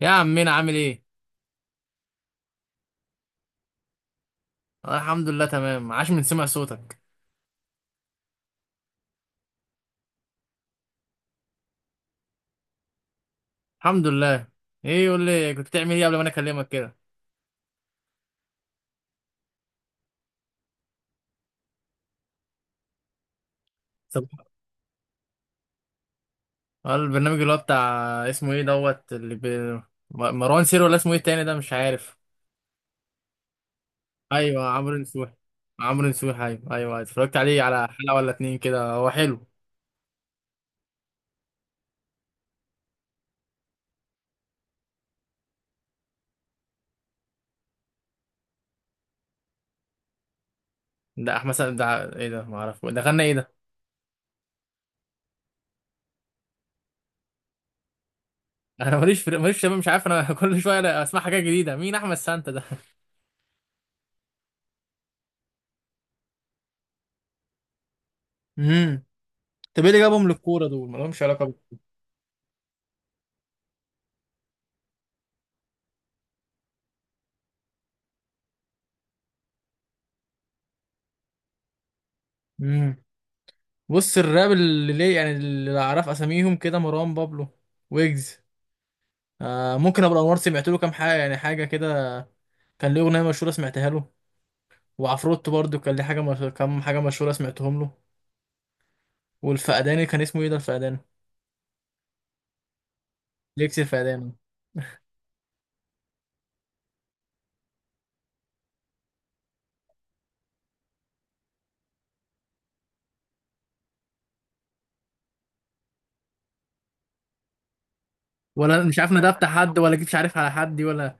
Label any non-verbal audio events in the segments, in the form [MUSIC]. يا عمنا عامل ايه؟ آه، الحمد لله تمام، عاش من سمع صوتك. الحمد لله. ايه، يقول لي كنت بتعمل ايه قبل ما انا اكلمك كده؟ طب، آه، البرنامج اللي هو بتاع اسمه ايه دوت اللي ب... م- مروان سير، ولا اسمه ايه التاني ده، مش عارف. ايوه عمرو نسوح، عمرو نسوح، ايوه ايوه ايوه. اتفرجت عليه على حلقه ولا اتنين كده، هو حلو. ده احمد سعد ده؟ ايه ده، ما اعرف ده غنى ايه ده. [LAUGHS] انا ماليش شباب، مش عارف انا. [LAUGHS] كل شويه أنا اسمع حاجات جديده. مين احمد سانتا ده؟ امم طب ايه اللي جابهم للكوره، دول ما لهمش علاقه بيه. بص، الراب اللي ليه يعني اللي اعرف اساميهم كده مروان بابلو، ويجز. آه، ممكن ابو الانوار سمعت له كام حاجه يعني، حاجه كده، كان ليه اغنيه مشهوره سمعتها له. وعفروتو برضو كان ليه حاجه مش... كام حاجه مشهوره سمعتهم له. والفقداني كان اسمه ايه ده الفقداني؟ ليكس الفقداني. ولا مش عارف ده بتاع حد ولا جيت مش عارف على حد دي ولا.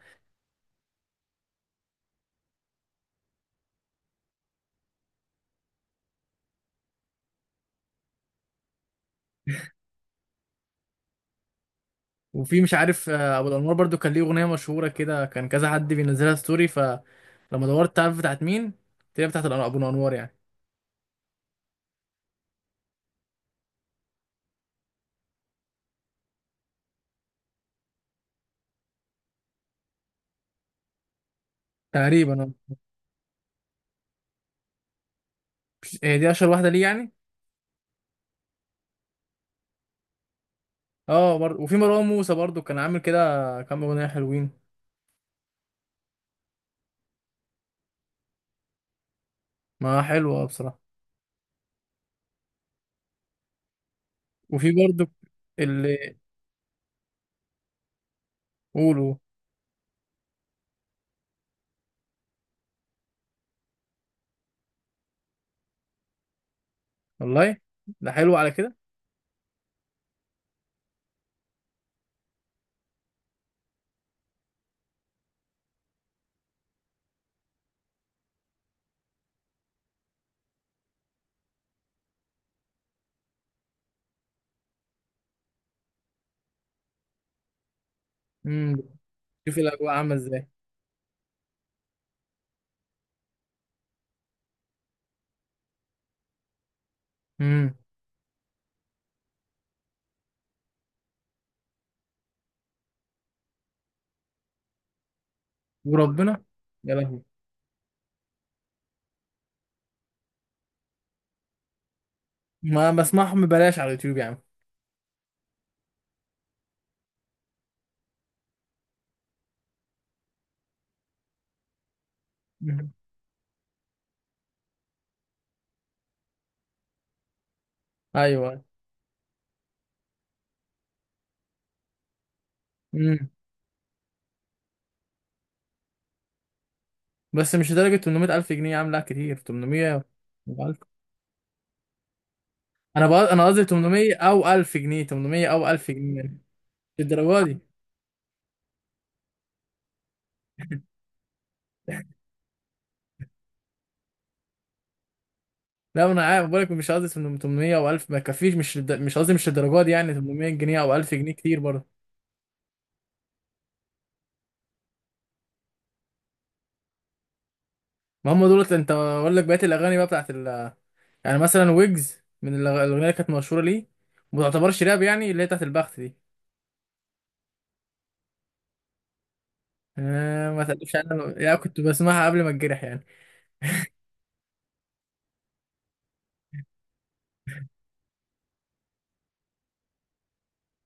وفي مش عارف آه، ابو الانوار برضو كان ليه اغنيه مشهوره كده، كان كذا حد بينزلها ستوري، فلما دورت تعرف بتاعت مين تلاقي ابو الانوار يعني. تقريبا آه. هي دي اشهر واحده ليه يعني. اه برضه، وفي مروان موسى برضه كان عامل كده كام اغنيه حلوين. ما حلوه بصراحه. وفي برضه اللي قولوا، والله ده حلو على كده. امم. شوف الاجواء عامله ازاي. امم. وربنا يا لهوي. ما بسمعهم ببلاش على اليوتيوب يا عم. مم. ايوه. امم. بس مش لدرجه 800000 جنيه، عامله كتير 800 و1000. انا بقى انا قصدي 800 او 1000 جنيه، 800 او 1000 جنيه يعني، مش الدرجه دي. لا انا عارف، بقولك مش قصدي 800 او 1000 ما يكفيش، مش قصدي مش للدرجه دي يعني. 800 جنيه او 1000 جنيه كتير برضه. ما هم دولت انت اقول لك بقيه الاغاني بقى بتاعت ال... يعني مثلا ويجز من الاغنيه اللي كانت مشهوره ليه، وما تعتبرش راب يعني اللي هي بتاعت البخت دي. آه، ما تقلقش انا يعني كنت بسمعها قبل ما اتجرح يعني.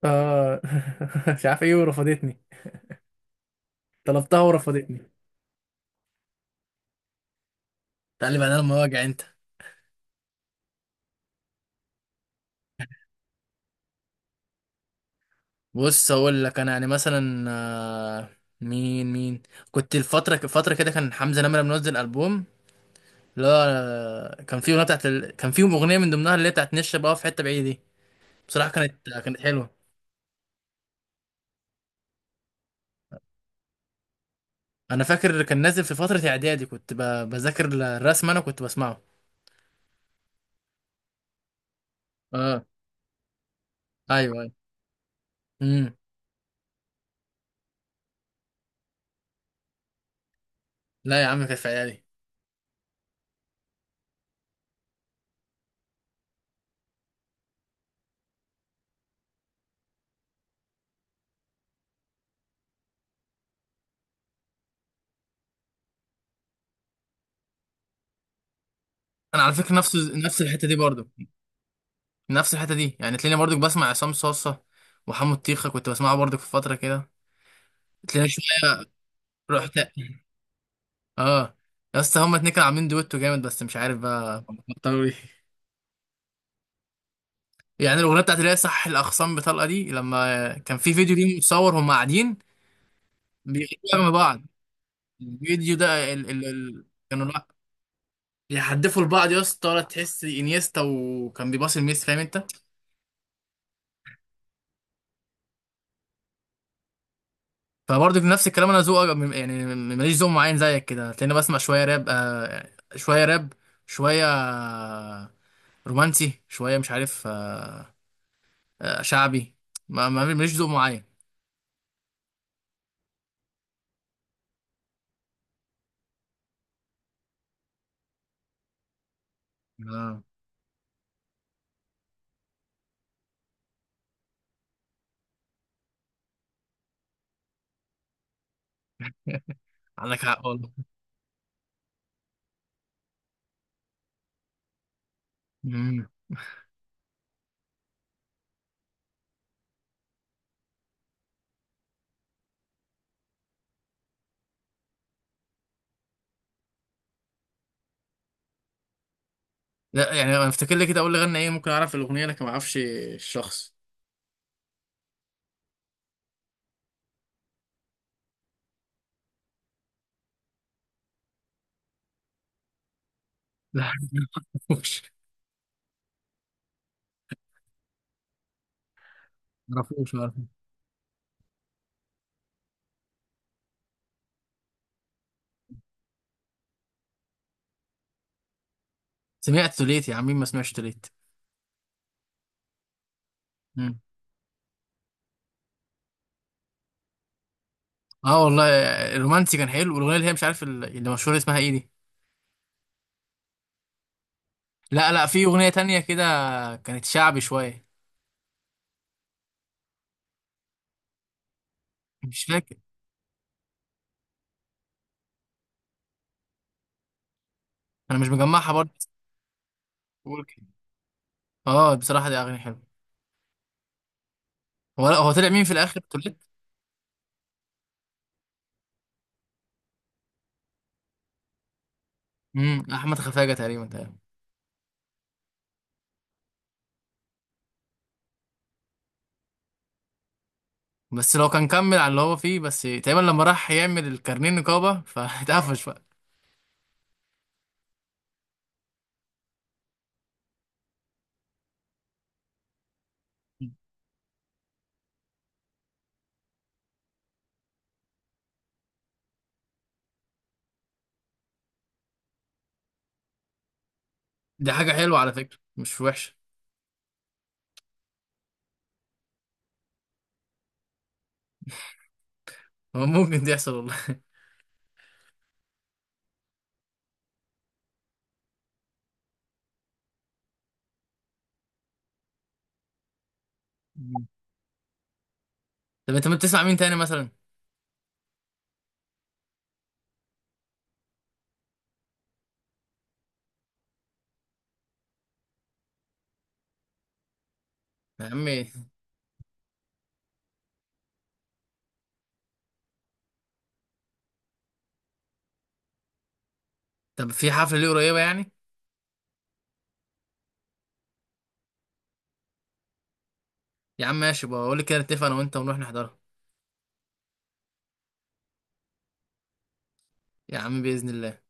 اه. [LAUGHS] مش عارف ايه، ورفضتني. طلبتها ورفضتني. تعالي بعدها لما واجع انت. بص اقول لك انا يعني مثلا آه، مين مين، كنت الفتره كده كان حمزه نمره منزل البوم. لا أنا- كان في كان فيهم اغنيه من ضمنها اللي هي بتاعت نشا بقى في حته بعيده دي، بصراحه كانت حلوه. انا فاكر كان نازل في فتره اعدادي، بذاكر الرسم انا كنت بسمعه. اه ايوه ايوه. امم. لا يا عم كانت في اعدادي. انا على فكره نفس الحته دي برضو. نفس الحته دي يعني تلاقيني برضو بسمع عصام صاصه، وحمو الطيخه كنت بسمعه برضو في فتره كده. تلاقيني شويه. رحت. اه. يا اسطى هما اتنين كانوا عاملين دويتو جامد، بس مش عارف بقى بطلوا ليه. يعني الاغنيه بتاعت اللي هي صح الاخصام بطلقه دي، لما كان في فيديو ليهم متصور هم قاعدين بيغنوا مع بعض. الفيديو ده ال ال ال كانوا لا بيحدفوا لبعض يا اسطى، ولا تحس انيستا وكان بيباصي لميسي، فاهم انت. فبرضه في نفس الكلام، انا ذوق يعني ماليش ذوق معين زيك كده، تلاقيني بسمع شويه راب آه، شويه راب، شويه آه، رومانسي شويه، مش عارف آه، آه، شعبي، ماليش ذوق معين. آه، عندك حق. والله. لا يعني انا افتكر لي كده، اقول لي غنى ايه ممكن اعرف الاغنيه، لكن ما اعرفش الشخص. لا. [LAUGHS] ما اعرفوش ما اعرفوش ما اعرفوش. سمعت توليت يا عم، مين ما سمعش توليت. مم. اه والله. الرومانسي كان حلو، والاغنيه اللي هي مش عارف اللي مشهوره اسمها ايه دي. لا لا في اغنيه تانية كده، كانت شعبي شويه. مش فاكر، انا مش مجمعها برضه بس بقول كده. اه بصراحه دي اغاني حلوه. هو طلع مين في الاخر توليت. امم. احمد خفاجه تقريبا تقريبا. بس لو كان كمل على اللي هو فيه، بس تقريبا لما راح يعمل الكارنيه نقابه [LAUGHS] فاتقفش بقى. دي حاجة حلوة على فكرة، مش وحشة. هو ممكن دي يحصل والله. مم. طب انت ما بتسمع مين تاني مثلا؟ يا عمي. طب في حفلة ليه قريبة يعني؟ يا عم ماشي بقى، قول لي كده نتفق انا وانت ونروح نحضرها. يا عم بإذن الله.